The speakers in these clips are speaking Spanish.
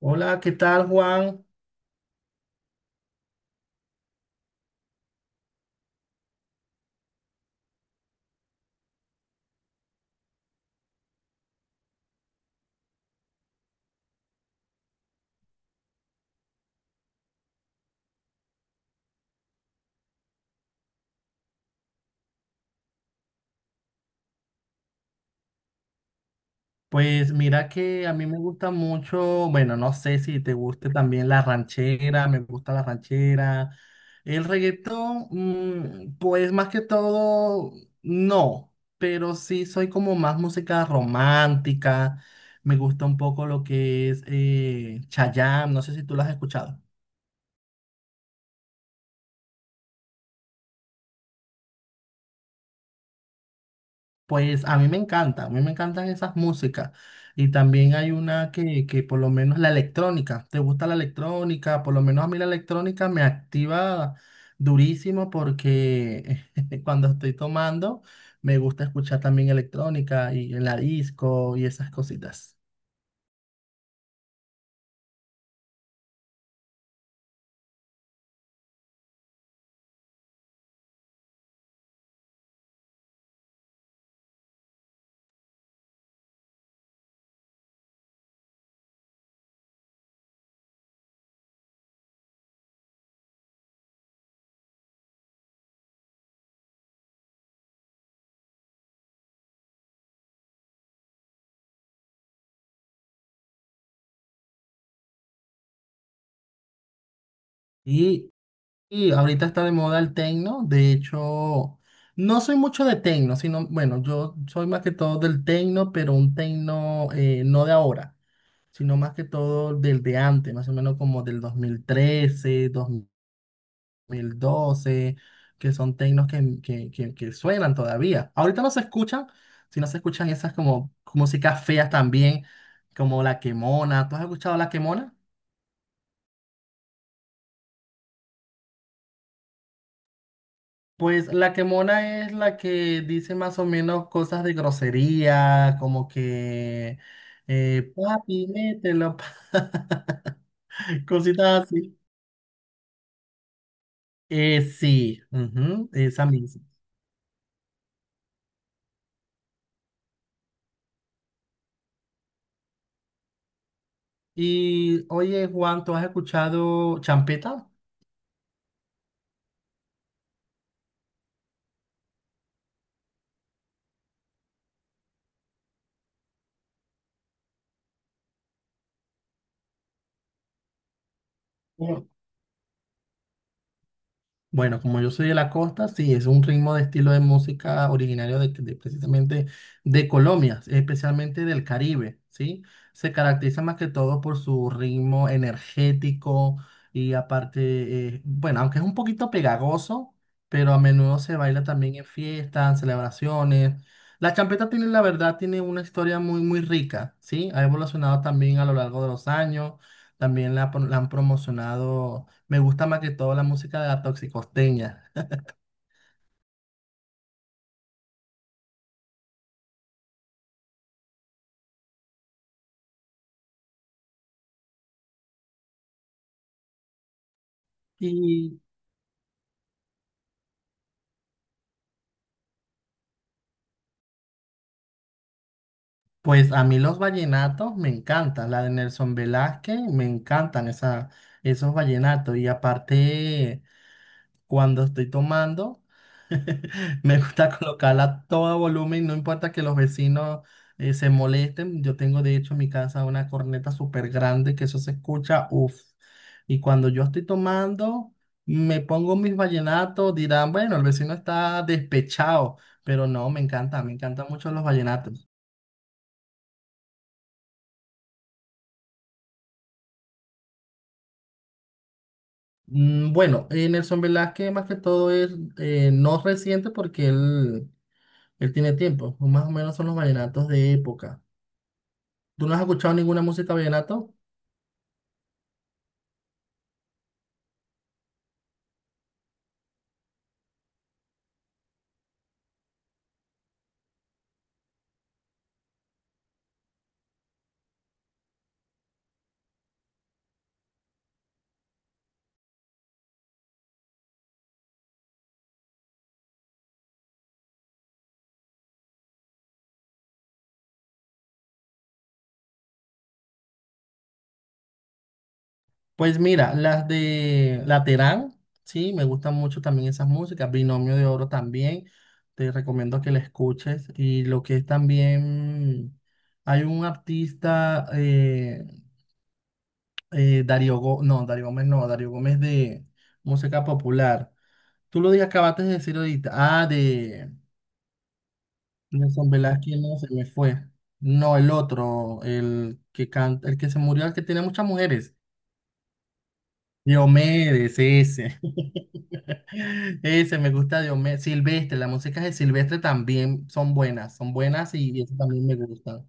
Hola, ¿qué tal, Juan? Pues mira que a mí me gusta mucho, bueno, no sé si te guste también la ranchera, me gusta la ranchera. El reggaetón, pues más que todo, no, pero sí soy como más música romántica, me gusta un poco lo que es Chayanne, no sé si tú lo has escuchado. Pues a mí me encanta, a mí me encantan esas músicas. Y también hay una que por lo menos la electrónica, ¿te gusta la electrónica? Por lo menos a mí la electrónica me activa durísimo porque cuando estoy tomando me gusta escuchar también electrónica y en la disco y esas cositas. Y, y ahorita está de moda el techno, de hecho, no soy mucho de techno, sino, bueno, yo soy más que todo del techno, pero un techno no de ahora, sino más que todo del de antes, más o menos como del dos mil trece, 2012, que son tecnos que suenan todavía. Ahorita no se escuchan, sino se escuchan esas como músicas feas también, como La Quemona. ¿Tú has escuchado La Quemona? Pues La Quemona es la que dice más o menos cosas de grosería, como que, papi, mételo, cositas así. Sí, ujú, esa misma. Y oye, Juan, ¿tú has escuchado champeta? Sí. Bueno, como yo soy de la costa, sí, es un ritmo de estilo de música originario de precisamente de Colombia, especialmente del Caribe, ¿sí? Se caracteriza más que todo por su ritmo energético y aparte, bueno, aunque es un poquito pegagoso, pero a menudo se baila también en fiestas, en celebraciones. La champeta tiene, la verdad, tiene una historia muy, muy rica, ¿sí? Ha evolucionado también a lo largo de los años, también la han promocionado. Me gusta más que todo la música de la toxicosteña. Y pues a mí los vallenatos me encantan, la de Nelson Velázquez, me encantan esos vallenatos. Y aparte, cuando estoy tomando, me gusta colocarla a todo volumen, no importa que los vecinos se molesten. Yo tengo de hecho en mi casa una corneta súper grande que eso se escucha, uff. Y cuando yo estoy tomando, me pongo mis vallenatos, dirán, bueno, el vecino está despechado, pero no, me encanta, me encantan mucho los vallenatos. Bueno, Nelson Velázquez más que todo es no reciente porque él tiene tiempo, más o menos son los vallenatos de época. ¿Tú no has escuchado ninguna música vallenato? Pues mira, las de Laterán, sí, me gustan mucho también esas músicas. Binomio de Oro también, te recomiendo que la escuches. Y lo que es también, hay un artista Darío Gómez, no, Darío Gómez no, Darío Gómez de música popular. Tú acabaste de decir ahorita. Ah, de Nelson Velázquez, no, se me fue. No, el otro, el que canta, el que se murió, el que tiene muchas mujeres. Diomedes, ese. Ese, me gusta Diomedes. Silvestre, las músicas de Silvestre también son buenas y eso también me gusta.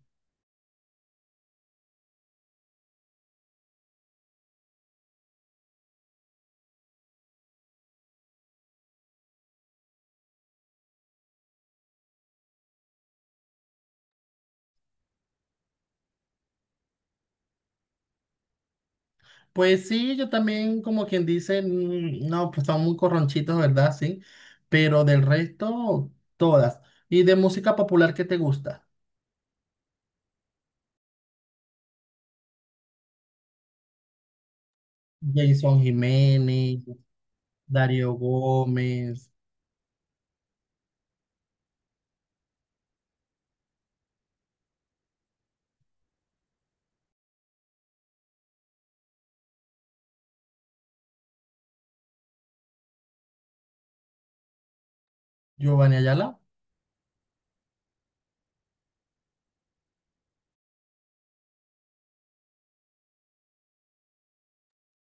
Pues sí, yo también, como quien dice, no, pues son muy corronchitos, ¿verdad? Sí, pero del resto, todas. ¿Y de música popular qué te gusta? Jason Jiménez, Darío Gómez, Giovanni Ayala.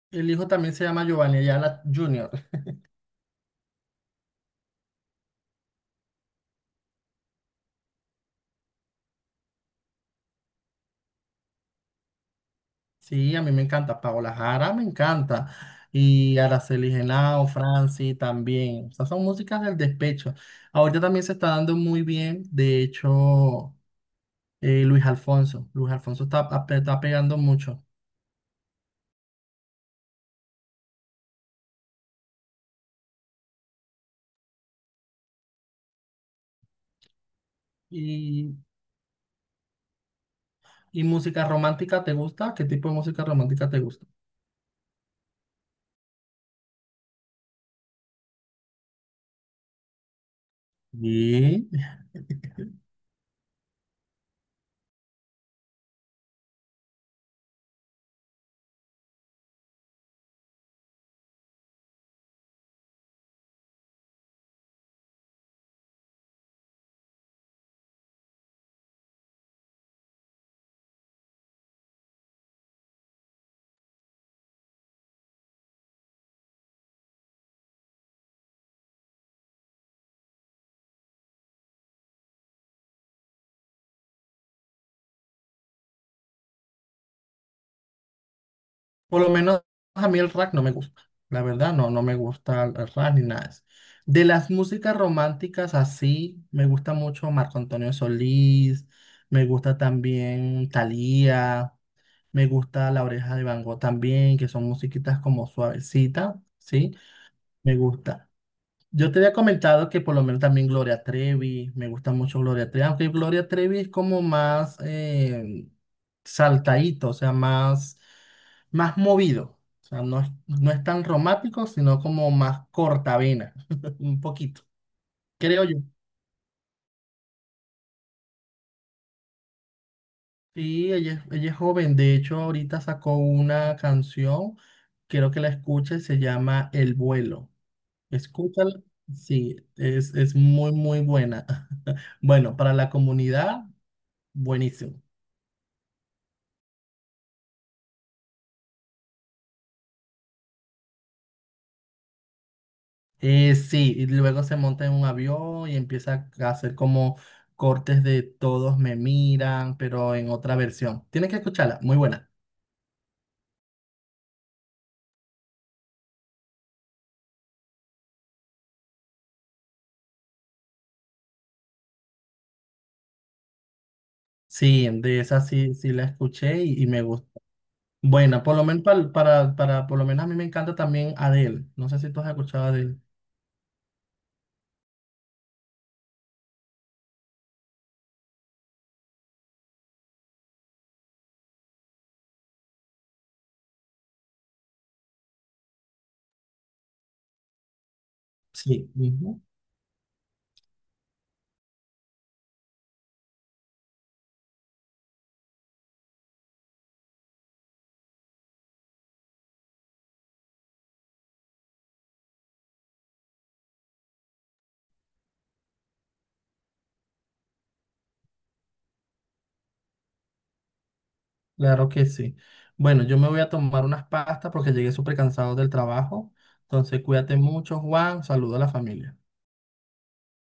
El hijo también se llama Giovanni Ayala Jr. Sí, a mí me encanta. Paola Jara me encanta. Y Araceli Genao, Franci también. O sea, son músicas del despecho. Ahorita también se está dando muy bien, de hecho. Luis Alfonso. Luis Alfonso está pegando mucho. Y, ¿Y música romántica te gusta? ¿Qué tipo de música romántica te gusta? Y por lo menos a mí el rap no me gusta. La verdad, no, no me gusta el rap ni nada de eso. De las músicas románticas así, me gusta mucho Marco Antonio Solís, me gusta también Thalía, me gusta La Oreja de Van Gogh también, que son musiquitas como suavecitas, ¿sí? Me gusta. Yo te había comentado que por lo menos también Gloria Trevi, me gusta mucho Gloria Trevi, aunque Gloria Trevi es como más saltadito, o sea, más, más movido. O sea, no es tan romántico, sino como más cortavena, un poquito, creo yo. Sí, ella es joven, de hecho ahorita sacó una canción, quiero que la escuches, se llama El vuelo. Escúchala, sí, es muy, muy buena. Bueno, para la comunidad. Buenísimo. Sí, y luego se monta en un avión y empieza a hacer como cortes de todos me miran, pero en otra versión. Tienes que escucharla, muy buena. Sí, de esa sí, sí la escuché y me gusta. Bueno, por lo menos por lo menos a mí me encanta también Adele. No sé si tú has escuchado a Adele. Sí, ujú, claro que sí. Bueno, yo me voy a tomar unas pastas porque llegué súper cansado del trabajo. Entonces, cuídate mucho, Juan. Saludo a la familia.